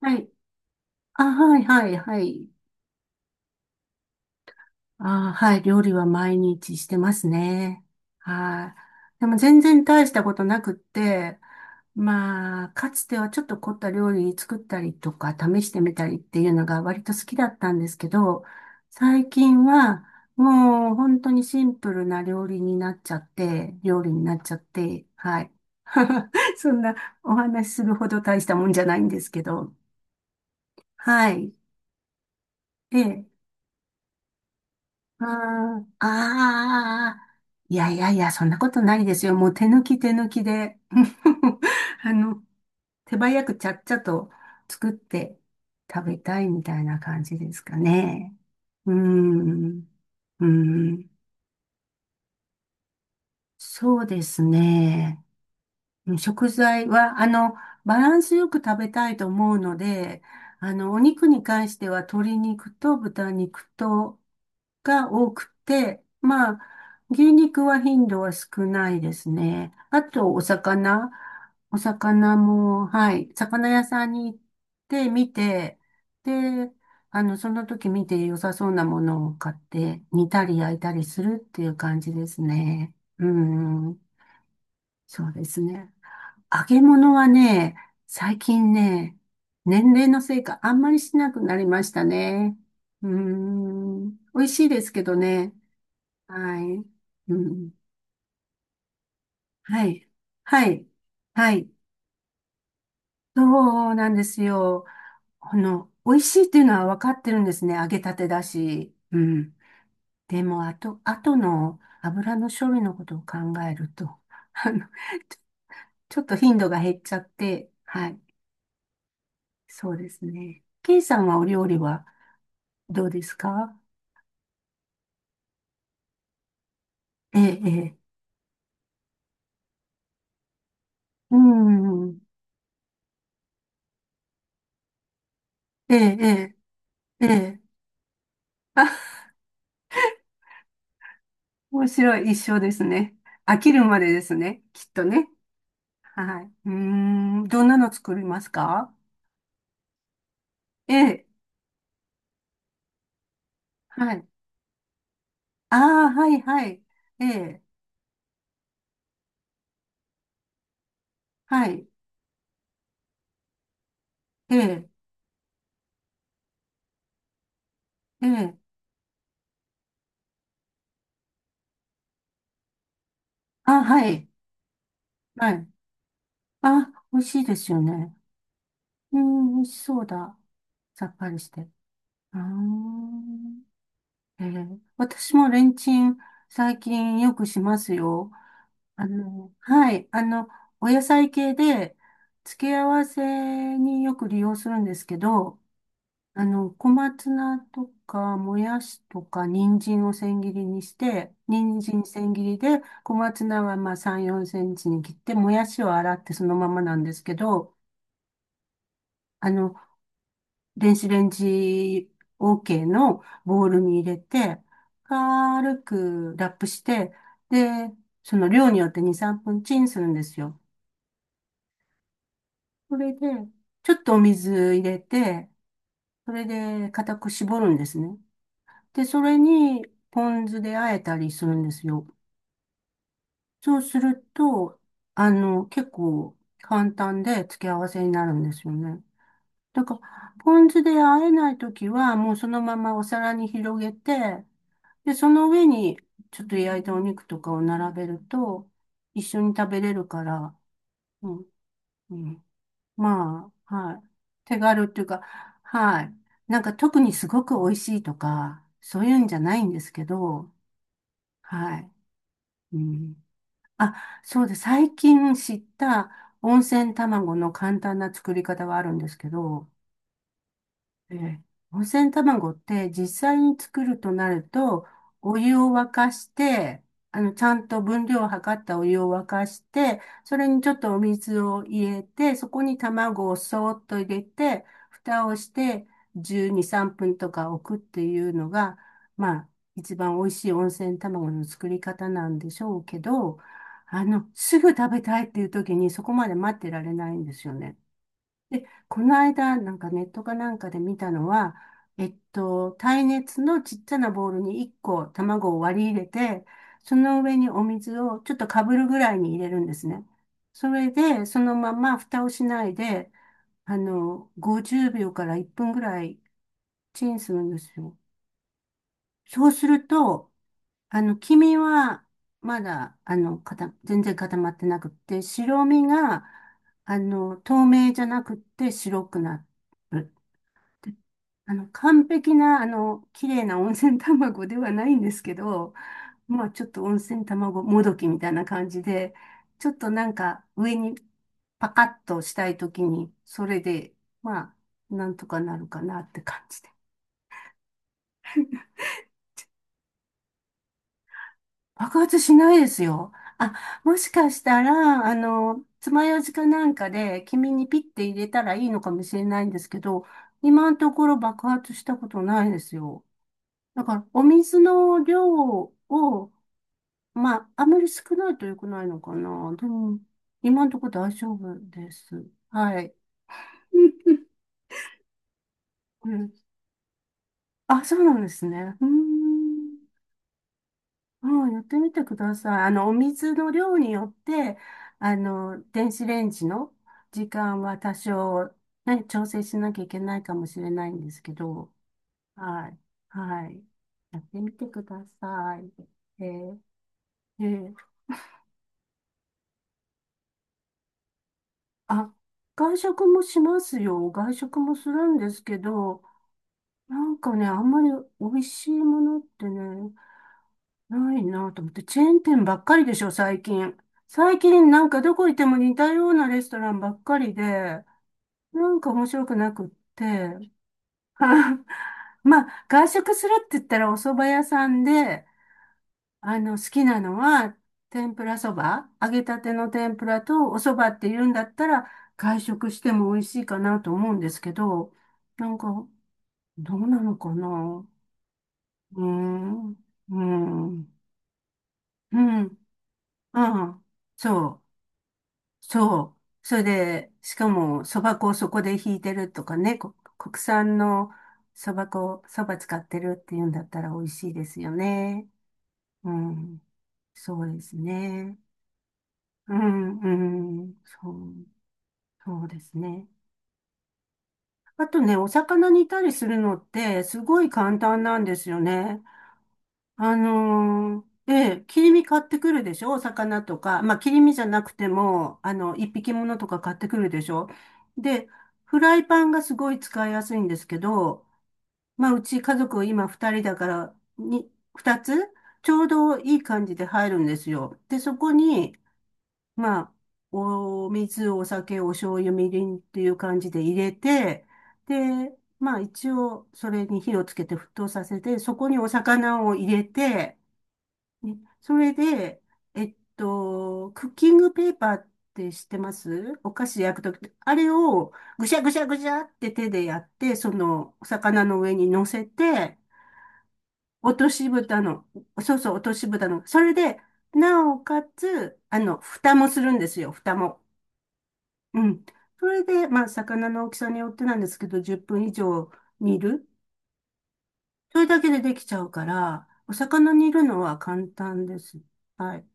はい。あ、はい、はい、はい。あ、はい。料理は毎日してますね。はい。でも全然大したことなくって、まあ、かつてはちょっと凝った料理作ったりとか、試してみたりっていうのが割と好きだったんですけど、最近はもう本当にシンプルな料理になっちゃって、料理になっちゃって、はい。そんなお話しするほど大したもんじゃないんですけど、はい。ええ、ああああ、いやいやいや、そんなことないですよ。もう手抜き手抜きで、あの、手早くちゃっちゃと作って食べたいみたいな感じですかね。うーん、うーん、そうですね。食材は、バランスよく食べたいと思うので、お肉に関しては鶏肉と豚肉とが多くて、まあ、牛肉は頻度は少ないですね。あと、お魚。お魚も、はい、魚屋さんに行って見て、で、その時見て良さそうなものを買って、煮たり焼いたりするっていう感じですね。うん、そうですね。揚げ物はね、最近ね、年齢のせいかあんまりしなくなりましたね。うーん。美味しいですけどね。はい。うん。はい。はい。はい。そうなんですよ。この、美味しいっていうのは分かってるんですね。揚げたてだし。うん。でも、あとの油の処理のことを考えると、あの、ちょ、ちょっと頻度が減っちゃって、はい。そうですね。ケイさんはお料理はどうですか？ええ、ええ。うん。ええ、ええ、ええ。あ、面白い。一緒ですね。飽きるまでですね。きっとね。はい。うーん。どんなの作りますか？ええ、はい。ああ、はい、はい。ええ、はい。ええ、ええ。あ、はい。はい。あ、美味しいですよね。うん、美味しそうだ。さっぱりして。うーん。ええ、私もレンチン最近よくしますよ。はい、お野菜系で、付け合わせによく利用するんですけど、小松菜とか、もやしとか、人参を千切りにして、人参千切りで、小松菜はまあ3、4センチに切って、もやしを洗ってそのままなんですけど、あの、電子レンジ OK のボウルに入れて、軽くラップして、で、その量によって2、3分チンするんですよ。それで、ちょっとお水入れて、それで固く絞るんですね。で、それにポン酢で和えたりするんですよ。そうすると、結構簡単で付け合わせになるんですよね。だから、ポン酢で和えないときは、もうそのままお皿に広げて、で、その上にちょっと焼いたお肉とかを並べると、一緒に食べれるから、うん、うん。まあ、はい。手軽っていうか、はい。なんか特にすごく美味しいとか、そういうんじゃないんですけど、はい。うん。あ、そうです。最近知った温泉卵の簡単な作り方はあるんですけど、えー温泉卵って実際に作るとなると、お湯を沸かして、ちゃんと分量を測ったお湯を沸かして、それにちょっとお水を入れて、そこに卵をそーっと入れて、蓋をして12、3分とか置くっていうのが、まあ、一番美味しい温泉卵の作り方なんでしょうけど、すぐ食べたいっていう時にそこまで待ってられないんですよね。で、この間、なんかネットかなんかで見たのは、耐熱のちっちゃなボウルに1個卵を割り入れて、その上にお水をちょっとかぶるぐらいに入れるんですね。それで、そのまま蓋をしないで、50秒から1分ぐらいチンするんですよ。そうすると、黄身は、まだ、全然固まってなくって、白身が、透明じゃなくって白くなる。で、完璧な、綺麗な温泉卵ではないんですけど、まあ、ちょっと温泉卵もどきみたいな感じで、ちょっとなんか上にパカッとしたいときに、それで、まあ、なんとかなるかなって感じ。爆発しないですよ。あ、もしかしたら、爪楊枝かなんかで、君にピッて入れたらいいのかもしれないんですけど、今のところ爆発したことないですよ。だから、お水の量を、まあ、あまり少ないと良くないのかな。でも、今のところ大丈夫です。はい。うん。あ、そうなんですね。うーん。もうやってみてください。お水の量によって、電子レンジの時間は多少、ね、調整しなきゃいけないかもしれないんですけど、はい。はい。やってみてください。えーえーあ、外食もしますよ。外食もするんですけど、なんかね、あんまり美味しいものってね、ないなと思って、チェーン店ばっかりでしょ、最近。最近なんかどこ行っても似たようなレストランばっかりで、なんか面白くなくって。まあ、外食するって言ったらお蕎麦屋さんで、好きなのは、天ぷらそば、揚げたての天ぷらとお蕎麦って言うんだったら、外食しても美味しいかなと思うんですけど、なんか、どうなのかな。うーん、うーん、うん、うん、そう。そう。それで、しかも、そば粉をそこでひいてるとかね、国産のそば粉、そば使ってるっていうんだったら美味しいですよね。うん。そうですね。うん、うん。そう、そうですね。あとね、お魚煮たりするのって、すごい簡単なんですよね。ええ、切り身買ってくるでしょ？お魚とか。まあ、切り身じゃなくても、一匹ものとか買ってくるでしょ？で、フライパンがすごい使いやすいんですけど、まあ、うち家族今二人だから、二つちょうどいい感じで入るんですよ。で、そこに、まあ、お水、お酒、お醤油、みりんっていう感じで入れて、で、まあ一応それに火をつけて沸騰させて、そこにお魚を入れて、ね、それで、クッキングペーパーって知ってます？お菓子焼くときって、あれをぐしゃぐしゃぐしゃって手でやって、そのお魚の上に乗せて、落とし蓋の、そうそう、落とし蓋の、それで、なおかつ、蓋もするんですよ、蓋も。うん。それで、まあ、魚の大きさによってなんですけど、10分以上煮る。それだけでできちゃうから、お魚煮るのは簡単です。はい。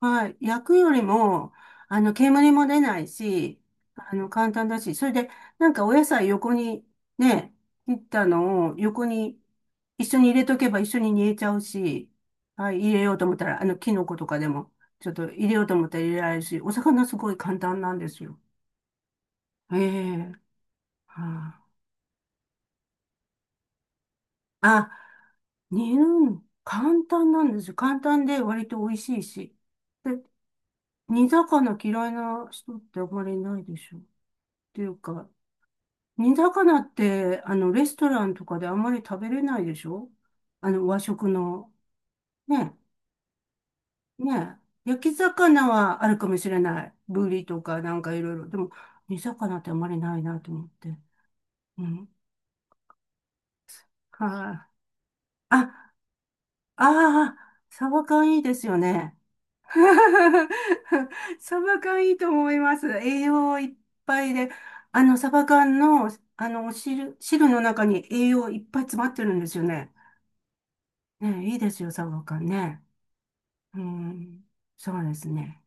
はい。焼くよりも、煙も出ないし、簡単だし、それで、なんかお野菜横に、ね、切ったのを横に一緒に入れとけば一緒に煮えちゃうし、はい、入れようと思ったら、キノコとかでも、ちょっと入れようと思ったら入れられるし、お魚すごい簡単なんですよ。ええ。はあ、あ、煮るん、簡単なんですよ。簡単で割と美味しいし。で、煮魚嫌いな人ってあまりいないでしょ。っていうか、煮魚って、レストランとかであんまり食べれないでしょ？和食の。ね、ね。焼き魚はあるかもしれない。ブリとかなんかいろいろ。でも、煮魚ってあんまりないなと思って。うん。はい。あ、ああ、サバ缶いいですよね。サバ缶いいと思います。栄養いっぱいで。サバ缶の、汁の中に栄養いっぱい詰まってるんですよね。ね、いいですよ、サバ缶ね。うん、そうですね。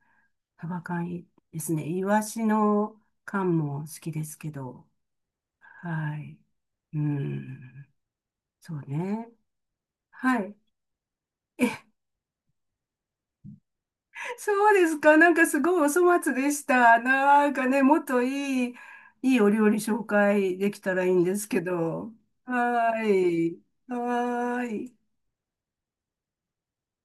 サバ缶いいですね。イワシの缶も好きですけど。はい。うん、そうね。はい。え、そうですか。なんかすごいお粗末でした。なんかね、もっといいお料理紹介できたらいいんですけど。はーい。はーい。